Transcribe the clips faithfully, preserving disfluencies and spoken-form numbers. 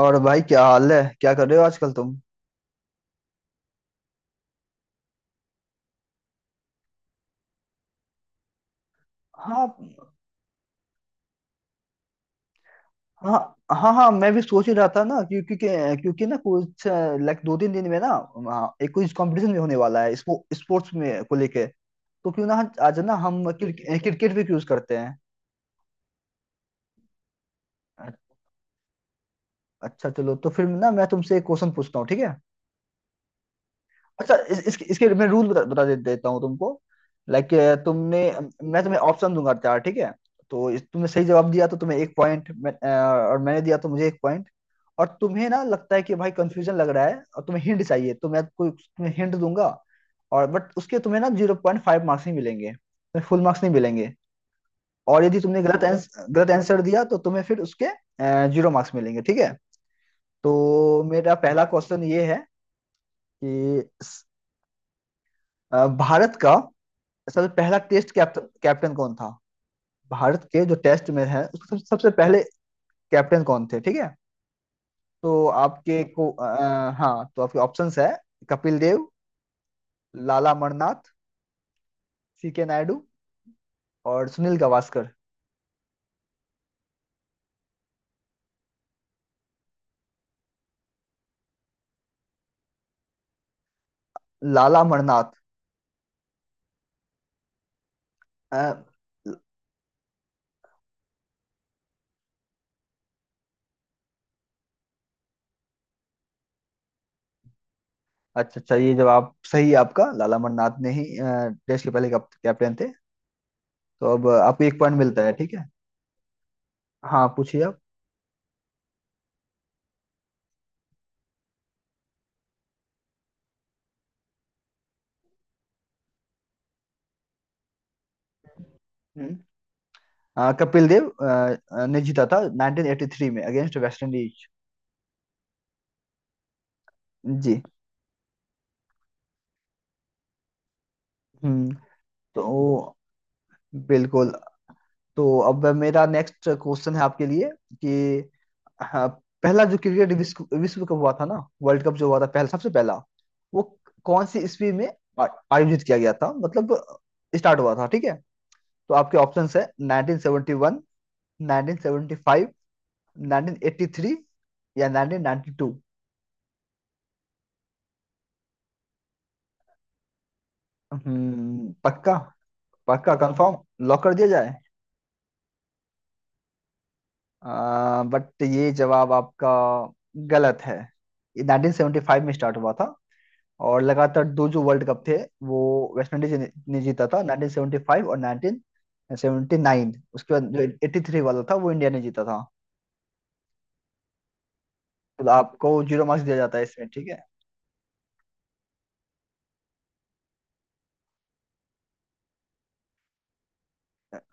और भाई, क्या हाल है? क्या कर रहे हो आजकल तुम? हाँ। हाँ। हाँ। हाँ, मैं भी सोच ही रहा था ना, क्योंकि क्योंकि क्योंकि ना कुछ लाइक दो तीन दिन में ना, हाँ, एक कुछ कंपटीशन भी होने वाला है, स्पो, स्पोर्ट्स में को लेके, तो क्यों ना हम- आज ना हम क्रिक, क्रिकेट भी यूज करते हैं। अ- अच्छा, चलो तो फिर ना, मैं तुमसे एक क्वेश्चन पूछता हूँ, ठीक है? अच्छा, इस, इसके इसके मैं रूल बता, बता दे, देता हूँ तुमको, लाइक। तुमने मैं तुम्हें ऑप्शन दूंगा चार, ठीक है? तो इस- तुमने सही जवाब दिया तो तुम्हें एक पॉइंट, और मैंने दिया तो मुझे एक पॉइंट। और तुम्हें ना लगता है कि भाई कंफ्यूजन लग रहा है और तुम्हें हिंट चाहिए, तो मैं कोई तुम्हें हिंट दूंगा। और बट उसके तुम्हें ना जीरो पॉइंट फाइव मार्क्स ही मिलेंगे, तुम्हें फुल मार्क्स नहीं मिलेंगे। और यदि तुमने गलत, ठीक है, आंसर गलत आंसर दिया तो तुम्हें फिर उसके जीरो मार्क्स मिलेंगे, ठीक है। तो मेरा पहला क्वेश्चन ये है कि अ, भारत का सबसे पहला टेस्ट कैप्ट, कैप्टन कौन था? भारत के जो टेस्ट में है उसके सब- सबसे पहले कैप्टन कौन थे, ठीक है? तो आपके को अ, हाँ, तो आपके ऑप्शंस है: कपिल देव, लाला मरनाथ, सी के नायडू और सुनील गावस्कर। लाला मरनाथ? अ, अच्छा, अच्छा, ये जवाब सही है आपका, लाला मरनाथ ने ही अ, देश के पहले कप- कैप्टन थे। तो अब आपको एक पॉइंट मिलता है, ठीक है। हाँ, पूछिए आप। हम्म। अ, कपिल देव अ, अ, ने जीता था नाइन्टीन एटी थ्री में, अगेंस्ट वेस्ट इंडीज। जी। हम्म। तो बिल्कुल। तो अब मेरा नेक्स्ट क्वेश्चन है आपके लिए कि हाँ, पहला जो क्रिकेट विश्व विश्व कप हुआ था ना, वर्ल्ड कप जो हुआ था पहला, सबसे पहला, वो कौन सी ईस्वी में आ- आयोजित किया गया था, मतलब स्टार्ट हुआ था, ठीक है? तो आपके ऑप्शंस है: nineteen seventy one, nineteen seventy five, nineteen eighty three या नाइन्टीन नाइन्टी टू। हम्म, पक्का? पक्का कंफर्म? लॉक कर दिया जाए? आ, बट ये जवाब आपका गलत है। ये नाइन्टीन सेवन्टी फाइव में स्टार्ट हुआ था। और लगातार दो जो वर्ल्ड कप थे, वो वेस्ट इंडीज ने ने जीता था, नाइन्टीन सेवन्टी फाइव और नाइन्टीन सेवन्टी नाइन। उसके बाद जो एटी थ्री वाला था वो इंडिया ने जीता था। तो आपको जीरो मार्क्स दिया जाता है इसमें, ठीक है।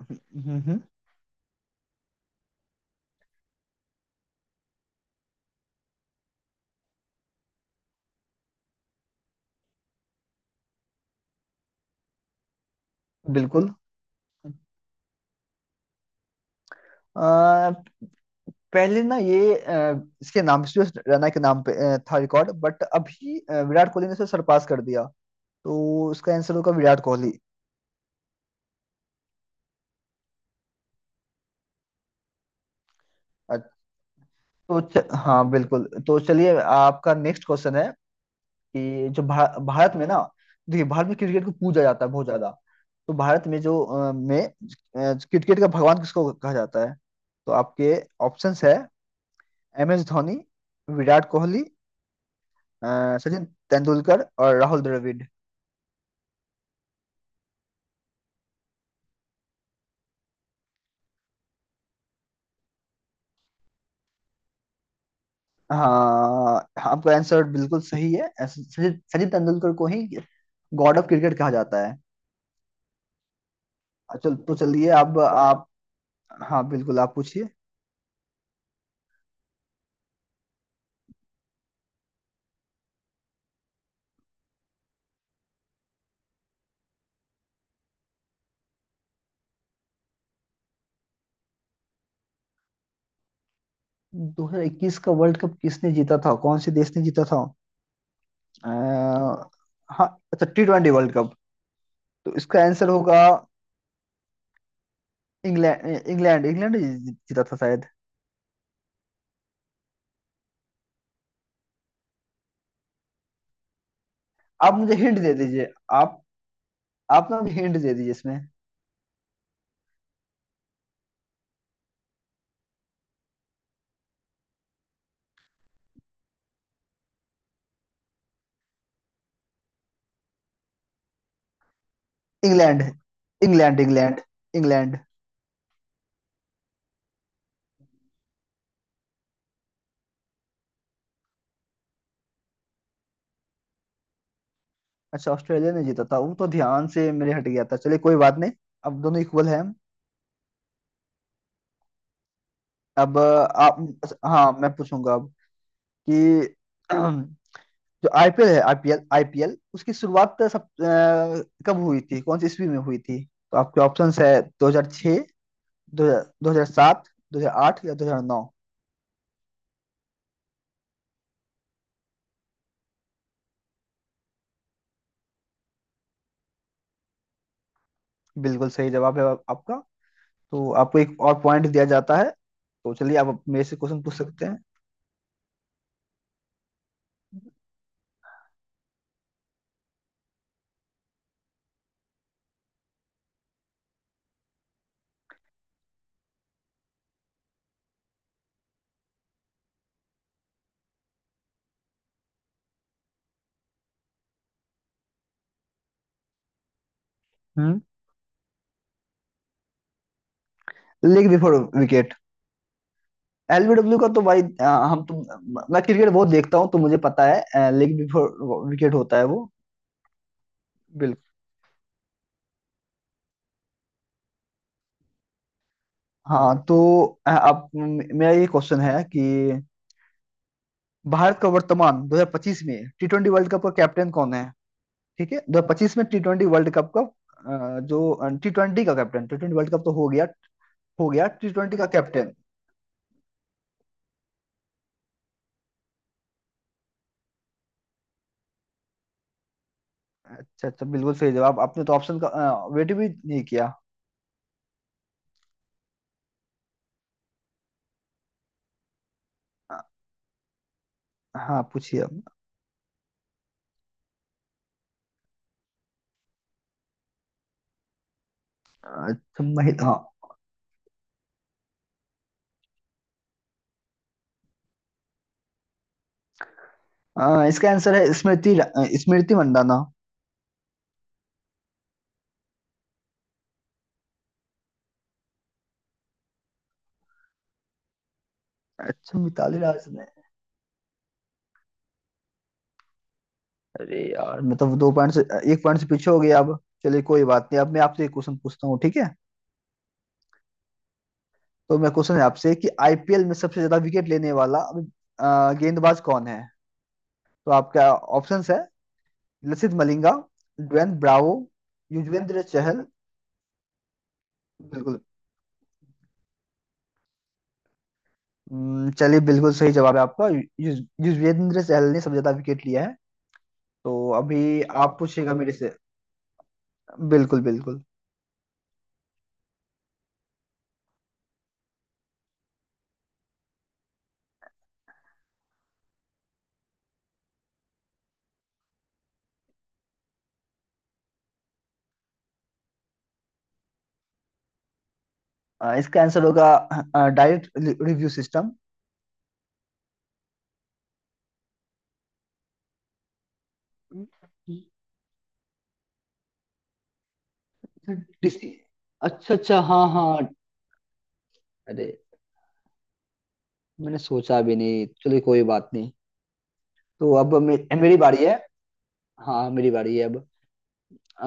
हम्म। हम्म। बिल्कुल। अ, पहले ना ये अ, इसके नाम से, रैना के नाम पे अ, था रिकॉर्ड, बट अभी अ, विराट कोहली ने उसे सरपास कर दिया। तो उसका आंसर होगा विराट कोहली। अ, तो च, हाँ बिल्कुल। तो चलिए, आपका नेक्स्ट क्वेश्चन है कि जो भा, भारत में ना, देखिए भारत में क्रिकेट को पूजा जाता है बहुत ज्यादा। तो भारत में जो अ, में अ, क्रिकेट का भगवान किसको कहा जाता है? तो आपके ऑप्शंस है: एम एस धोनी, विराट कोहली, अ, सचिन तेंदुलकर और राहुल द्रविड़। हाँ, आपका आंसर बिल्कुल सही है। ऐसे- सचिन सचिन तेंदुलकर को ही गॉड ऑफ क्रिकेट कहा जाता है। चल तो चलिए, अब आप। हाँ बिल्कुल, आप पूछिए। दो हजार इक्कीस का वर्ल्ड कप किसने जीता था, कौन से देश ने जीता था? अ, हाँ, अच्छा, टी ट्वेंटी वर्ल्ड कप, तो इसका आंसर होगा इंग्लैंड, इंग्लैंड, इंग्लैंड ही जीता था शायद। आप मुझे हिंट दे दीजिए। आप आप ना मुझे हिंट दे दीजिए इसमें। England, England, England, England. अच्छा, ऑस्ट्रेलिया ने जीता था, वो तो ध्यान से मेरे हट गया था। चलिए, कोई बात नहीं। अब दोनों इक्वल हैं। अब अ, आप। हाँ, मैं पूछूंगा अब कि जो आईपीएल है, आईपीएल आईपीएल उसकी शुरुआत सब अ, कब हुई थी, कौन सी ईस्वी में हुई थी? तो आपके ऑप्शंस है: दो हजार छह, दो हजार दो हजार सात, दो हजार आठ या दो हजार नौ। बिल्कुल सही जवाब है आप- आपका। तो आपको एक और पॉइंट दिया जाता है। तो चलिए, आप अब मेरे से क्वेश्चन पूछ सकते हैं। हम्म। Leg before wicket. एलबीडब्ल्यू का तो भाई अ, हम तो, मैं क्रिकेट बहुत देखता हूँ तो मुझे पता है, लेग बिफोर विकेट होता है वो। बिल्कुल। हाँ, तो अ- अब म- मेरा ये क्वेश्चन है कि भारत का वर्तमान दो हजार पच्चीस में टी ट्वेंटी वर्ल्ड कप का कैप्टन कौन है? ठीक है, ट्वेंटी ट्वेंटी फाइव में टी ट्वेंटी वर्ल्ड कप का अ, जो टी ट्वेंटी का captain, T twenty world cup तो हो गया, हो गया, टी ट्वेंटी का कैप्टन। अच्छा, अच्छा, बिल्कुल सही जवाब। आपने तो ऑप्शन का वेट भी नहीं किया। अ, हाँ, पूछिए अब। अच्छा, महिला। हाँ, अ, इसका आंसर है स्मृति रा- अ, स्मृति मंदाना। अच्छा, मिताली राज ने। अरे यार, मैं तो दो पॉइंट से एक पॉइंट से पीछे हो गया अब। चलिए, कोई बात नहीं। अब मैं आपसे एक क्वेश्चन पूछता हूँ, ठीक है। तो मैं क्वेश्चन है आपसे कि आईपीएल में सबसे ज्यादा विकेट लेने वाला अ, गेंदबाज कौन है? तो आपका ऑप्शंस है: लसित मलिंगा, ड्वेन ब्रावो, युजवेंद्र चहल। बिल्कुल। हम्म, चलिए, बिल्कुल सही जवाब है आपका। यु- युज- युजवेंद्र चहल ने सबसे ज्यादा विकेट लिया है। तो अभी आप पूछिएगा मेरे से। बिल्कुल, बिल्कुल। अ, इसका आंसर होगा डायरेक्ट रिव्यू सिस्टम। डिस- अच्छा, अच्छा, हाँ, हाँ, अरे, मैंने सोचा भी नहीं। चलिए, कोई बात नहीं। तो अब मे, मेरी बारी है। हाँ, मेरी बारी है अब। अ,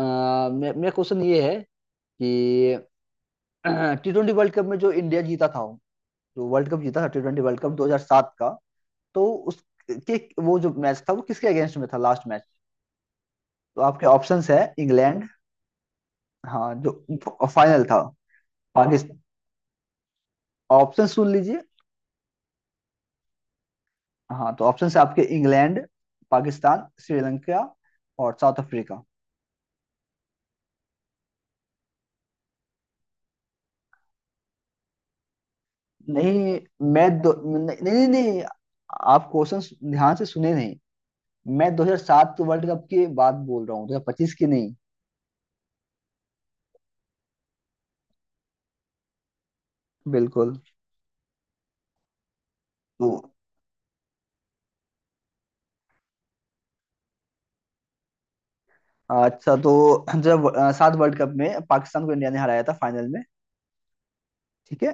मे, मेरा क्वेश्चन ये है कि टी ट्वेंटी वर्ल्ड कप में जो इंडिया जीता था, जो वर्ल्ड कप जीता था, टी ट्वेंटी वर्ल्ड कप दो हजार सात का। तो उसके वो जो मैच था, वो किसके अगेंस्ट में था, लास्ट मैच? तो आपके ऑप्शंस है: इंग्लैंड, हाँ जो फाइनल था, पाकिस्तान। ऑप्शन सुन लीजिए। हाँ तो ऑप्शन है आपके: इंग्लैंड, पाकिस्तान, श्रीलंका और साउथ अफ्रीका। नहीं, मैं दो नहीं, नहीं, नहीं, आप क्वेश्चन ध्यान से सुने नहीं। मैं दो हजार सात वर्ल्ड कप की बात बोल रहा हूँ, दो हजार पच्चीस की नहीं। बिल्कुल। तो अच्छा, तो जब अ, सात वर्ल्ड कप में पाकिस्तान को इंडिया ने हराया था फाइनल में, ठीक है?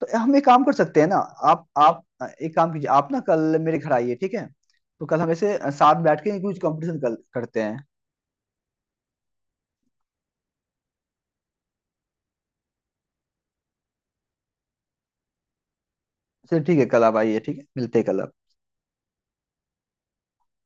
तो हम एक काम कर सकते हैं ना, आप आप अ, एक काम कीजिए, आप ना कल मेरे घर आइए, ठीक है? तो कल हम ऐसे अ, साथ बैठ के कुछ कंपटीशन कर, करते हैं। चलिए, ठीक है, कल आप आइए, ठीक है। मिलते हैं कल।